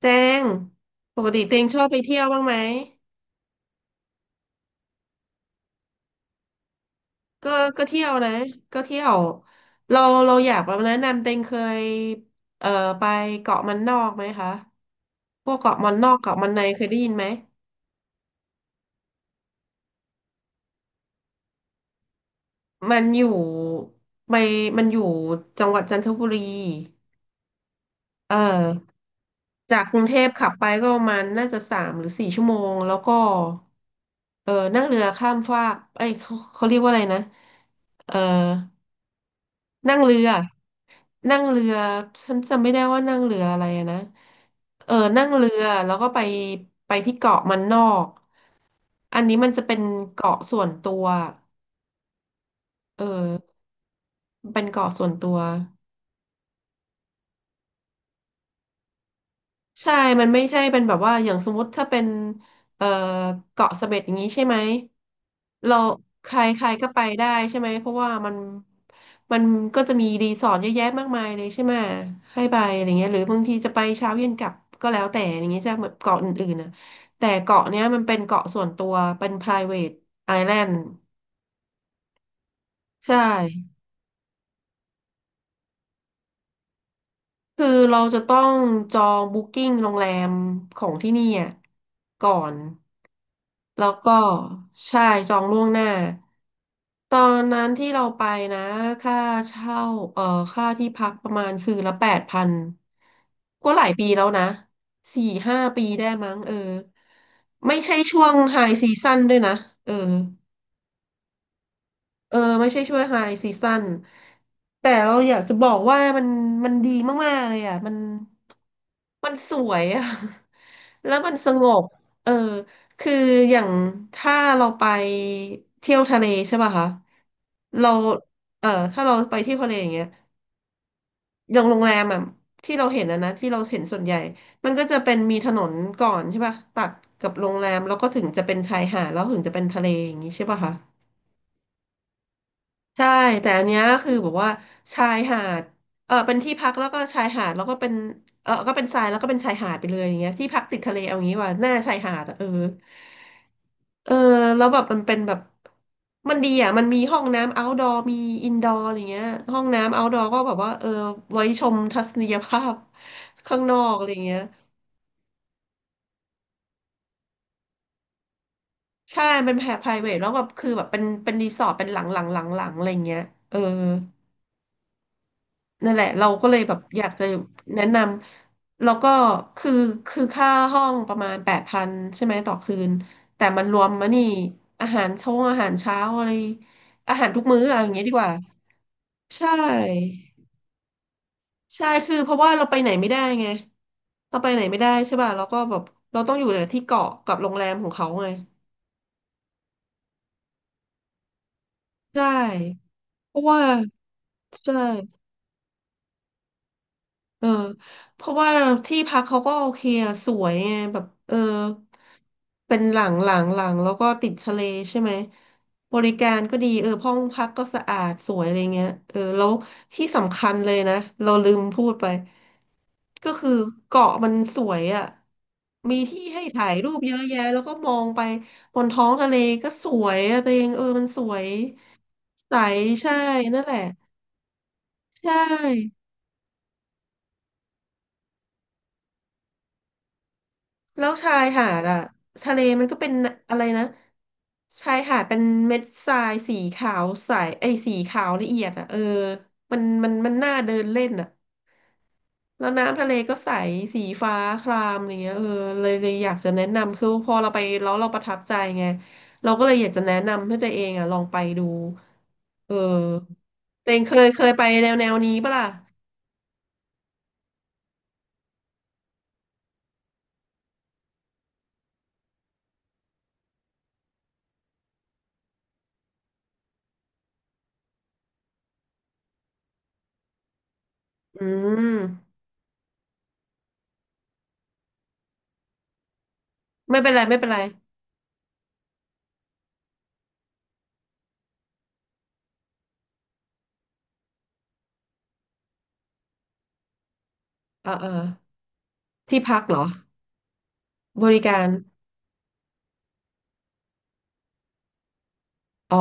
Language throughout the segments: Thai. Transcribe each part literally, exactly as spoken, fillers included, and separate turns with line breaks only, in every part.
เจงปกติเตงชอบไปเที่ยวบ้างไหมก็ก็เที่ยวนะก็เที่ยวเราเราอยากแบบแนะนำเตงเคยเอ่อไปเกาะมันนอกไหมคะ พวกเกาะมันนอกเกาะมันในเคยได้ยินไหม มันอยู่ไปมันอยู่จังหวัดจันทบุรีเออจากกรุงเทพขับไปก็ประมาณน่าจะสามหรือสี่ชั่วโมง แล้วก็เออนั่งเรือข้ามฟากเอ้ยเขาเขาเรียกว่าอะไรนะเออ นั่งเรือ นั่งเรือ ฉันจำไม่ได้ว่านั่งเรืออะไรอะนะเออนั่งเรือ แล้วก็ไปไปที่เกาะมันนอก อันนี้มันจะเป็นเกาะส่วนตัวเออเป็นเกาะส่วนตัว ใช่ มันไม่ใช่เป็นแบบว่า อย่างสมมติถ้าเป็นเอ่อเกาะเสม็ดอย่างนี้ใช่ไหม เราใครใครก็ไปได้ใช่ไหม เพราะว่ามันมันก็จะมีรีสอร์ทเยอะแยะมากมายเลยใช่ไหม ให้ไปอะไรเงี้ยหรือบางทีจะไปเช้าเย็นกลับก็แล้วแต่อย่างเงี้ยจะเหมือนเกาะอื่นๆนะแต่เกาะเนี้ยมันเป็นเกาะส่วนตัวเป็น private island ใช่ คือเราจะต้องจองบุ๊กิ้งโรงแรมของที่นี่อะก่อน แล้วก็ใช่จองล่วงหน้าตอนนั้นที่เราไปนะค่าเช่าเอ่อค่าที่พักประมาณคืนละแปดพันก็หลายปีแล้วนะสี่ห้าปีได้มั้งเออไม่ใช่ช่วงไฮซีซั่นด้วยนะเออ เออไม่ใช่ช่วยไฮซีซั o นแต่เราอยากจะบอกว่ามันมันดีมากๆเลยอ่ะมันมันสวยอ่ะ แล้วมันสงบเออคืออย่างถ้าเราไปเที่ยวทะเลใช่ป่ะคะเราเออถ้าเราไปเที่ยวทะเลอย่างเงี้ยอย่างโรงแรมอ่ะที่เราเห็นนะนะที่เราเห็นส่วนใหญ่มันก็จะเป็นมีถนนก่อนใช่ป่ะตัดกับโรงแรมแล้วก็ถึงจะเป็นชายหาดแล้วถึงจะเป็นทะเลอย่างงี้ใช่ป่ะคะ ใช่แต่อันเนี้ยคือแบบว่าชายหาดเออเป็นที่พักแล้วก็ชายหาดแล้วก็เป็นเออก็เป็นทรายแล้วก็เป็นชายหาดไปเลยอย่างเงี้ยที่พักติดทะเลเอางี้ว่าหน้าชายหาดอะเออเออแล้วแบบมันเป็นแบบมันดีอ่ะมันมีห้องน้ำ outdoor มี indoor อะไรเงี้ยห้องน้ำ outdoor ก็แบบว่าเออไว้ชมทัศนียภาพข้างนอกอะไรเงี้ยใช่เป็นแบบ private แล้วแบบคือแบบเป็นเป็นรีสอร์ทเป็นหลังหลังหลังหลังอะไรเงี้ยเออ นั่นแหละเราก็เลยแบบอยากจะแนะนำแล้วก็คือคือค่าห้องประมาณแปดพันใช่ไหมต่อคืนแต่มันรวมมานี่อาหารช่วงอาหารเช้าอะไรอาหารทุกมื้ออะไรอย่างเงี้ยดีกว่าใช่ใช่คือเพราะว่าเราไปไหนไม่ได้ไงเราไปไหนไม่ได้ใช่ป่ะเราก็แบบเราต้องอยู่แต่ที่เกาะกับโรงแรมของเขาไงใช่เพราะว่าใช่ เออเพราะว่าที่พักเขาก็โอเคอะสวยไงแบบเออเป็นหลังหลังหลังแล้วก็ติดทะเลใช่ไหมบริการก็ดีเออห้องพักก็สะอาดสวยอะไรเงี้ยเออแล้วที่สำคัญเลยนะเราลืมพูดไปก็คือเกาะมันสวยอ่ะมีที่ให้ถ่ายรูปเยอะแยะแล้วก็มองไปบนท้องทะเลก็สวยอะตัวเองเออมันสวยใสใช่นั่นแหละใช่ แล้วชายหาดอะทะเลมันก็เป็นอะไรนะชายหาดเป็นเม็ดทรายสีขาวใสไอ้ยสีขาวละเอียดอะเออมันมันมันน่าเดินเล่นอะแล้วน้ำทะเลก็ใสสีฟ้าครามอะไรเงี้ยเออเลยเลยอยากจะแนะนำคือพอเราไปแล้วเราประทับใจไงเราก็เลยอยากจะแนะนำให้ตัวเองอะลองไปดูเออตัวเองเคยเคยไปแนวแนวนี้ปะล่ะอืมไม่เป็นไรไม่เป็นไรเออเออที่พักเหรอบริการ อ๋อ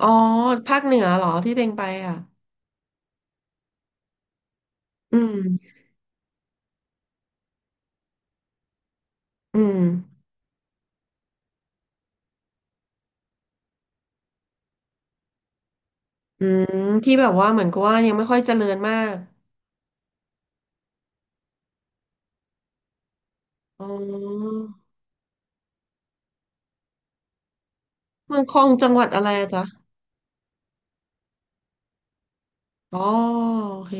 อ๋อภาคเหนือเหรอที่เต็งไปอ่ะอืมอืมอืมที่แบบว่าเหมือนกับว่ายังไม่ค่อยเจริญมากอ๋อเมืองคองจังหวัดอะไรอะจ๊ะอ๋อโอเค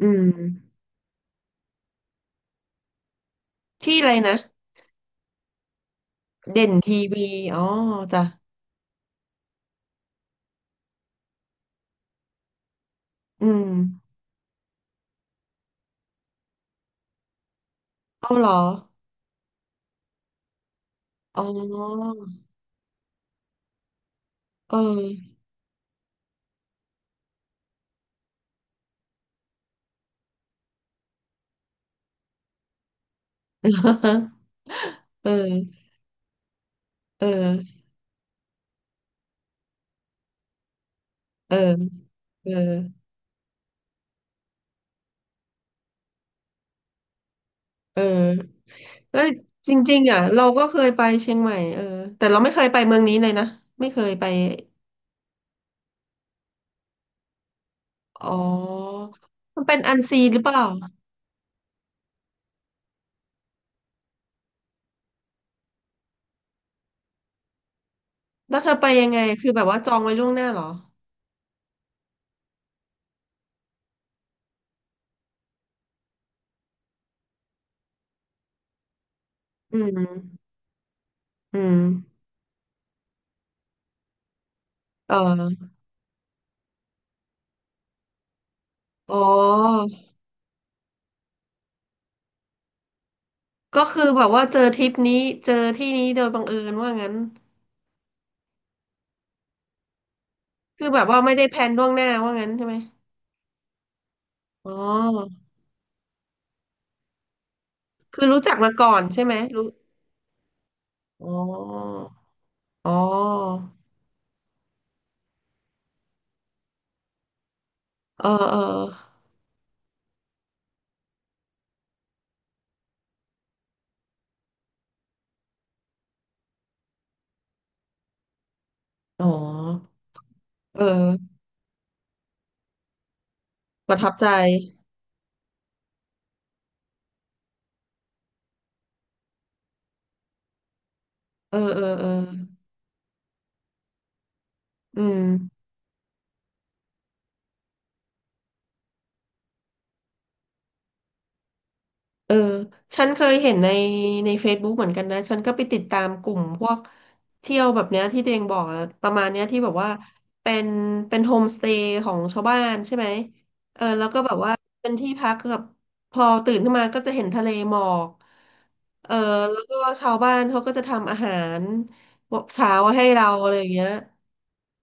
อืมที่อะไรนะเด่นทีวีอ๋อจ้ะอืมเอาเหรออ๋อเออ เออเออเออเออเออ เอ้ยจริงๆอ่ะเราก็เคยไปเชียงใหม่เออแต่เราไม่เคยไปเมืองนี้เลยนะไม่เคยไปอ๋อมันเป็นอันซีนหรือเปล่าแล้วเธอไปยังไงคือแบบว่าจองไว้ล่วงหน้าเหรออืมอืมเอออ๋อก็คือแบบว่าเจอทริปนี้เจอที่นี้โดยบังเอิญว่างั้นคือแบบว่าไม่ได้แพลนล่วงหน้าว่างั้นใช่ไหมอ๋อคือรู้จักมาก่อนใช่ไหมรู้อ๋ออ๋อเออเอออ๋อเออประทับใจ เออเออเอออืม เออ ฉันเคยเห็นในใน เฟซบุ๊ก เหมือนกันนะ ฉันก็ไปติดตามกลุ่มพวกเที่ยวแบบเนี้ยที่ตัวเองบอกอะประมาณเนี้ยที่แบบว่าเป็นเป็นโฮมสเตย์ของชาวบ้านใช่ไหมเออแล้วก็แบบว่าเป็นที่พักแบบพอตื่นขึ้นมาก็จะเห็นทะเลหมอกเออแล้วก็ชาวบ้านเขาก็จะทำอาหารเช้าให้เราอะไรอย่างเงี้ย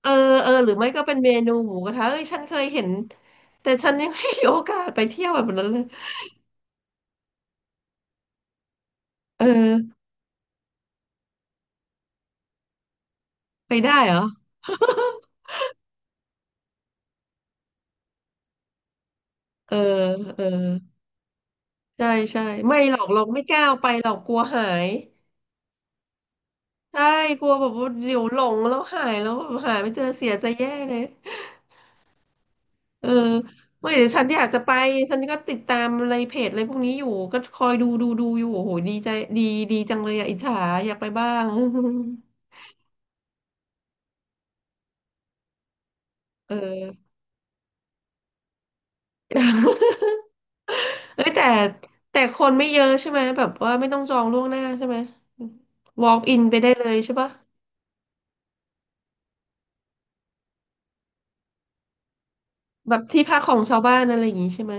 เออเออ หรือไม่ก็เป็นเมนูหมูกระทะเอ้ยฉันเคยเห็นแต่ฉันยังไม่มีโอกาสไปเที่ยวแบบนั้นเลยเออ ไปได้เหรอเออเออใช่ใช่ไม่หรอกเราไม่กล้าเอาไปหรอกกลัวหายใช่กลัวแบบว่าเดี๋ยวหลงแล้วหายแล้วแบบหายไม่เจอเสียใจแย่เลยเออไม่เดี๋ยวฉันอยากจะไปฉันก็ติดตามอะไรเพจอะไรพวกนี้อยู่ก็คอยดูดูดูอยู่โอ้โหดีใจดีดีจังเลยอะอิจฉาอยากไปบ้าง เออ เอ้ยแต่แต่คนไม่เยอะใช่ไหมแบบว่าไม่ต้องจองล่วงหน้าใช่ไหม วอล์ก อิน ไปได้เลยใช่ปะ แบบที่พักของชาวบ้านอะไรอย่างงี้ใช่ไหม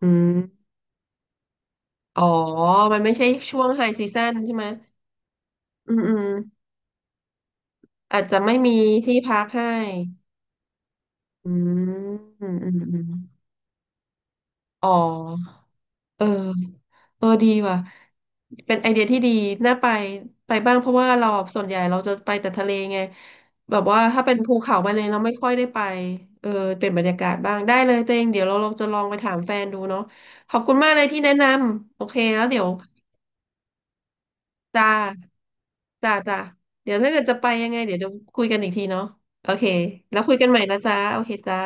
อืมอ๋อ มันไม่ใช่ช่วงไฮซีซั่นใช่ไหมอืมอืมอาจจะไม่มีที่พักให้อืมอืมอืมอมอ๋อ เออ เออดีว่ะ เป็นไอเดียที่ดี น่าไป ไปบ้างเพราะว่าเราส่วนใหญ่เราจะไปแต่ทะเลไง แบบว่าถ้าเป็นภูเขาไปเลยเราไม่ค่อยได้ไปเออเป็นบรรยากาศบ้างได้เลยตัวเองเดี๋ยวเราลรงจะลองไปถามแฟนดูเนาะขอบคุณมากเลยที่แนะนำโอเคแล้วเดี๋ยว จ้า จ้า จ้า เดี๋ยวถ้าเกิดจะไปยังไงเดี๋ยวเดี๋ยวคุยกันอีกทีเนาะโอเคแล้วคุยกันใหม่นะจ้า โอเคจ้า